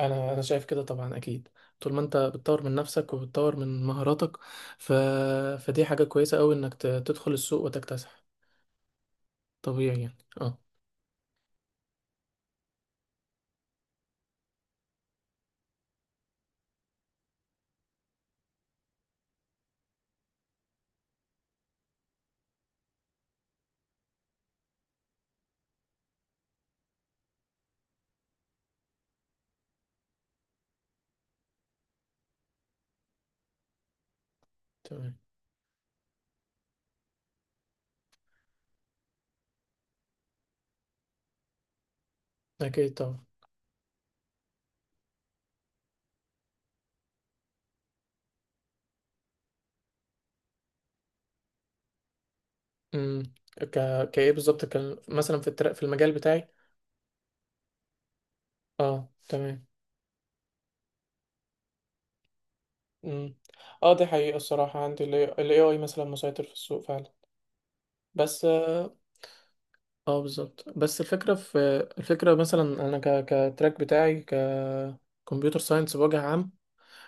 انا انا شايف كده طبعا، اكيد. طول ما انت بتطور من نفسك وبتطور من مهاراتك ف... فدي حاجه كويسه قوي انك تدخل السوق وتكتسح. طبيعي يعني، اه. تمام. اكيد طبعا. امم ك... كايه بالظبط، كان مثلا في في المجال بتاعي. اه تمام. امم اه، دي حقيقه، الصراحه عندي ال AI مثلا مسيطر في السوق فعلا. بس اه، بالظبط. بس الفكره في، الفكره مثلا انا كتراك بتاعي، كمبيوتر ساينس بوجه عام.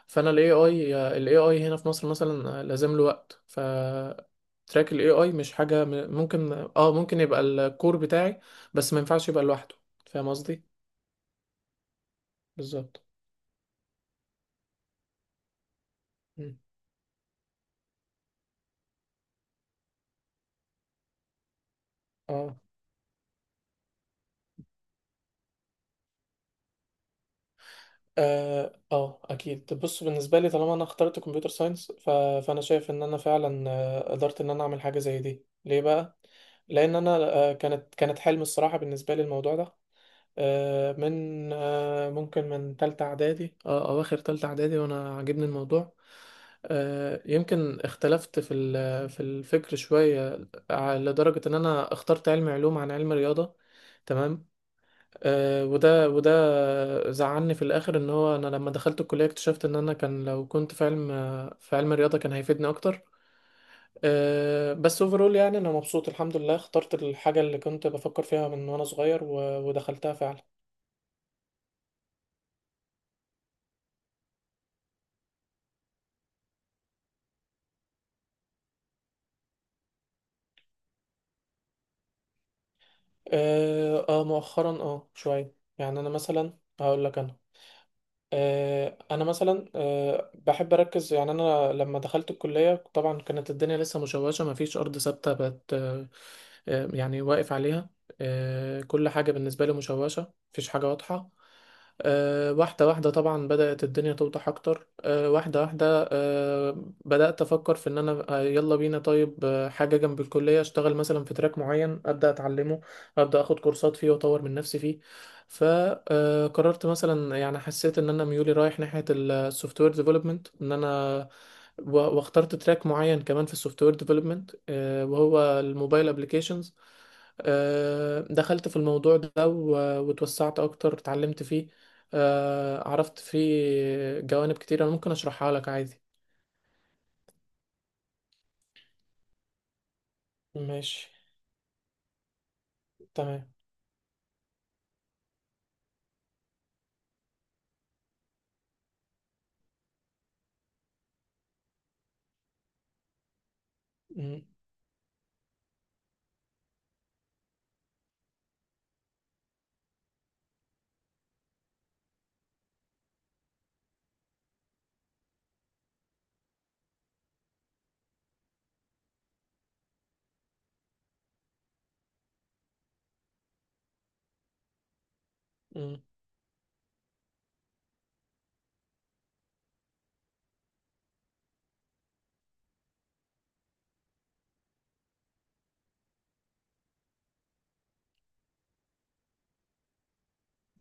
فانا الاي اي هنا في مصر مثلا لازم له وقت، ف تراك الاي اي مش حاجه ممكن، اه ممكن يبقى الكور بتاعي، بس ما ينفعش يبقى لوحده. فاهم قصدي؟ بالظبط. مم. اه اه اكيد، بص، بالنسبه لي طالما انا اخترت كمبيوتر ساينس، فانا شايف ان انا فعلا قدرت ان انا اعمل حاجه زي دي. ليه بقى؟ لان انا، كانت حلم الصراحه بالنسبه لي الموضوع ده من، ممكن من تالتة إعدادي، أه أواخر تالتة إعدادي وأنا عاجبني الموضوع. يمكن اختلفت في في الفكر شوية، لدرجة إن أنا اخترت علم علوم عن علم رياضة. تمام. وده زعلني في الآخر، إن هو أنا لما دخلت الكلية اكتشفت إن أنا كان، لو كنت في علم، في علم رياضة كان هيفيدني أكتر. بس اوفرول يعني أنا مبسوط الحمد لله، اخترت الحاجة اللي كنت بفكر فيها من وأنا صغير، ودخلتها فعلا. اه، مؤخرا اه شوية يعني. انا مثلا هقول لك، انا انا مثلا بحب اركز. يعني انا لما دخلت الكليه طبعا كانت الدنيا لسه مشوشه، ما فيش ارض ثابته بقت، يعني واقف عليها. كل حاجه بالنسبه لي مشوشه، مفيش حاجه واضحه. واحده واحده طبعا بدات الدنيا توضح اكتر، واحده واحده، بدات افكر في ان انا، يلا بينا طيب، حاجه جنب الكليه اشتغل مثلا في تراك معين، ابدا اتعلمه، ابدا اخد كورسات فيه واطور من نفسي فيه. فقررت مثلا، يعني حسيت ان انا ميولي رايح ناحيه السوفت وير ديفلوبمنت، ان انا، واخترت تراك معين كمان في السوفت وير ديفلوبمنت، وهو الموبايل ابليكيشنز. دخلت في الموضوع ده واتوسعت اكتر، اتعلمت فيه. عرفت فيه جوانب كتير انا ممكن اشرحها لك عادي. ماشي. تمام. مم. مم.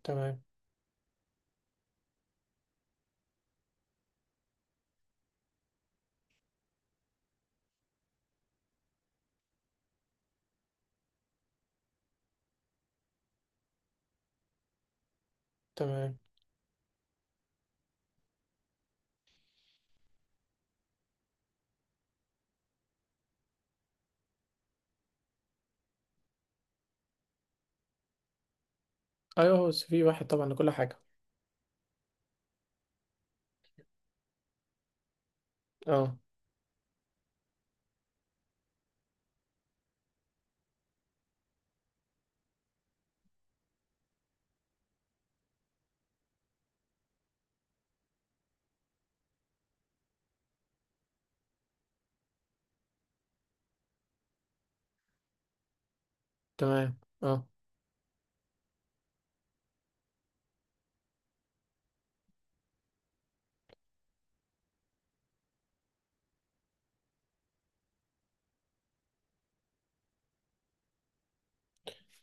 تمام. تمام. ايوه، هو السي في واحد طبعا لكل حاجه. اه تمام. اه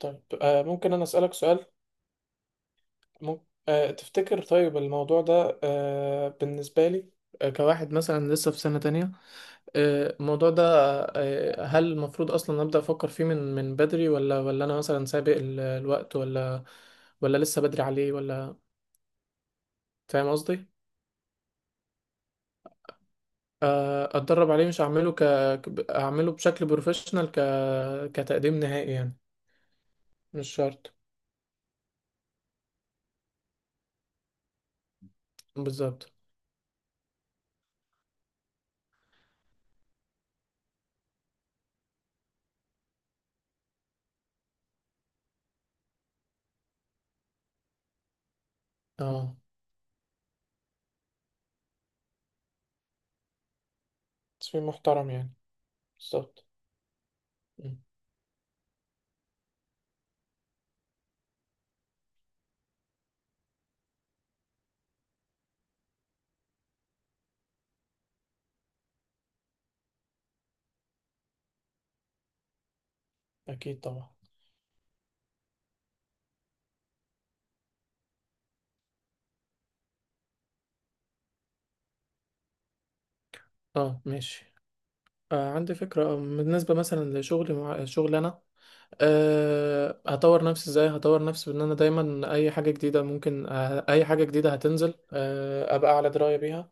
طيب، آه ممكن أنا أسألك سؤال؟ ممكن آه، تفتكر طيب الموضوع ده آه بالنسبة لي، آه كواحد مثلا لسه في سنة تانية، آه الموضوع ده، آه هل المفروض أصلا أبدأ أفكر فيه من بدري؟ ولا أنا مثلا سابق الوقت؟ ولا، ولا لسه بدري عليه ولا؟ فاهم قصدي؟ آه أتدرب عليه، مش هعمله أعمله بشكل بروفيشنال، كتقديم نهائي يعني. مش شرط. بالظبط. اه تصميم محترم يعني. بالظبط. م، أكيد طبعا. اه ماشي، آه عندي فكرة. بالنسبة مثلا لشغلي مع شغل، انا آه هطور نفسي ازاي؟ هطور نفسي بان انا دايما اي حاجة جديدة ممكن، آه اي حاجة جديدة هتنزل آه ابقى على دراية بيها.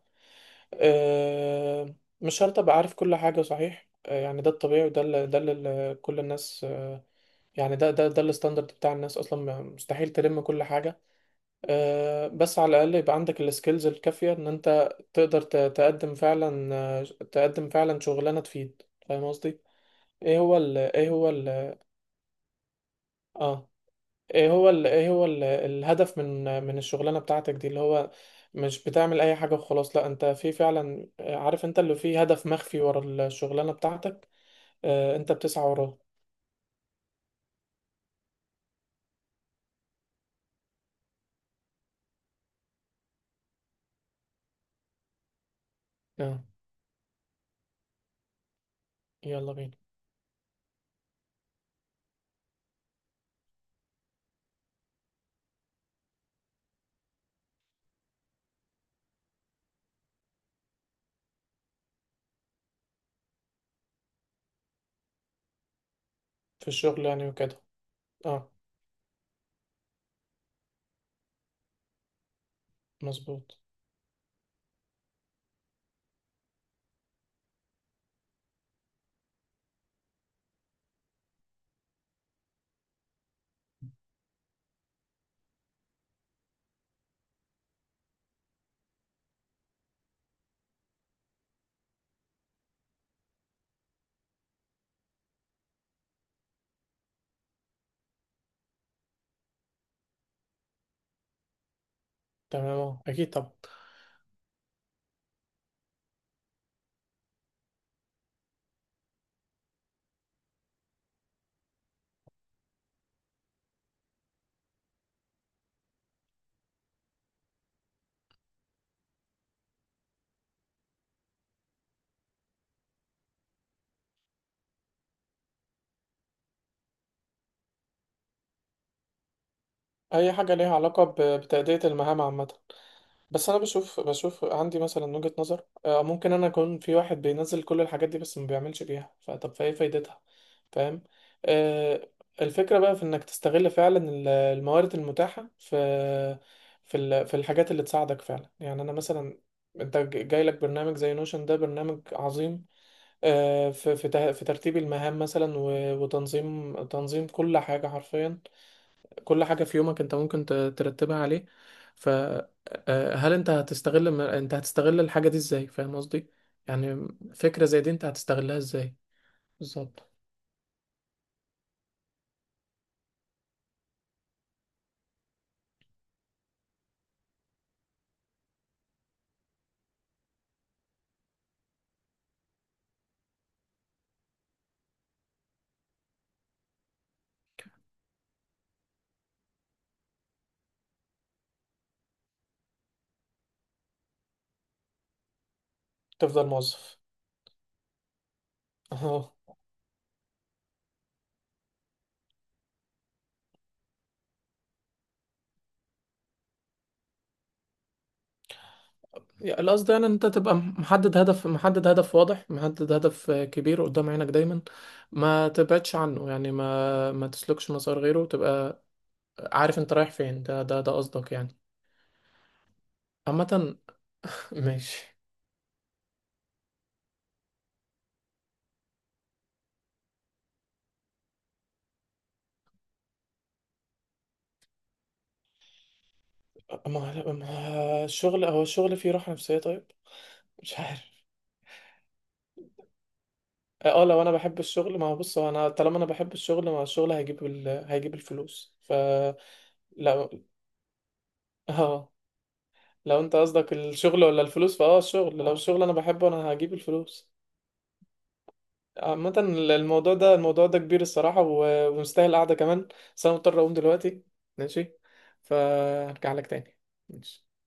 آه مش شرط ابقى عارف كل حاجة صحيح، آه يعني ده الطبيعي، وده اللي كل الناس آه، يعني ده الستاندرد بتاع الناس، اصلا مستحيل تلم كل حاجة. بس على الأقل يبقى عندك السكيلز الكافية إن أنت تقدر تقدم فعلا، تقدم فعلا شغلانة تفيد. فاهم قصدي؟ إيه هو ال آه إيه هو ال الهدف من الشغلانة بتاعتك دي اللي هو، مش بتعمل أي حاجة وخلاص، لأ أنت في فعلا عارف أنت اللي فيه هدف مخفي ورا الشغلانة بتاعتك، أنت بتسعى وراه. آه يلا بينا. في الشغل يعني وكده، آه مظبوط. تمام، أكيد طبعا. أي حاجة ليها علاقة بتأدية المهام عامة. بس انا بشوف عندي مثلا وجهة نظر، ممكن انا اكون في واحد بينزل كل الحاجات دي بس ما بيعملش بيها، فطب فايه فايدتها؟ فاهم. آه، الفكرة بقى في انك تستغل فعلا الموارد المتاحة في، في الحاجات اللي تساعدك فعلا. يعني انا مثلا، انت جاي لك برنامج زي نوشن، ده برنامج عظيم في في في ترتيب المهام مثلا، وتنظيم، تنظيم كل حاجة حرفيا. كل حاجة في يومك انت ممكن ترتبها عليه. فهل انت هتستغل انت هتستغل الحاجة دي ازاي؟ فاهم قصدي؟ يعني فكرة زي دي انت هتستغلها ازاي؟ بالظبط. تفضل موظف، اهو. يعني القصد يعني ان انت تبقى محدد، هدف محدد، هدف واضح، محدد، هدف كبير قدام عينك دايما، ما تبعدش عنه. يعني ما تسلكش مسار غيره، تبقى عارف انت رايح فين. ده قصدك يعني. عامة. ماشي. الشغل، هو الشغل فيه راحة نفسية طيب؟ مش عارف. اه، لو انا بحب الشغل، ما هو بص، هو انا طالما انا بحب الشغل، ما هو الشغل هيجيب الفلوس، ف لو، اه، لو انت قصدك الشغل ولا الفلوس، فاه الشغل، لو الشغل انا بحبه، انا هجيب الفلوس. عامة الموضوع ده كبير الصراحة، ومستاهل قعدة كمان، بس انا مضطر اقوم دلوقتي. ماشي. فهرجع لك تاني. ماشي.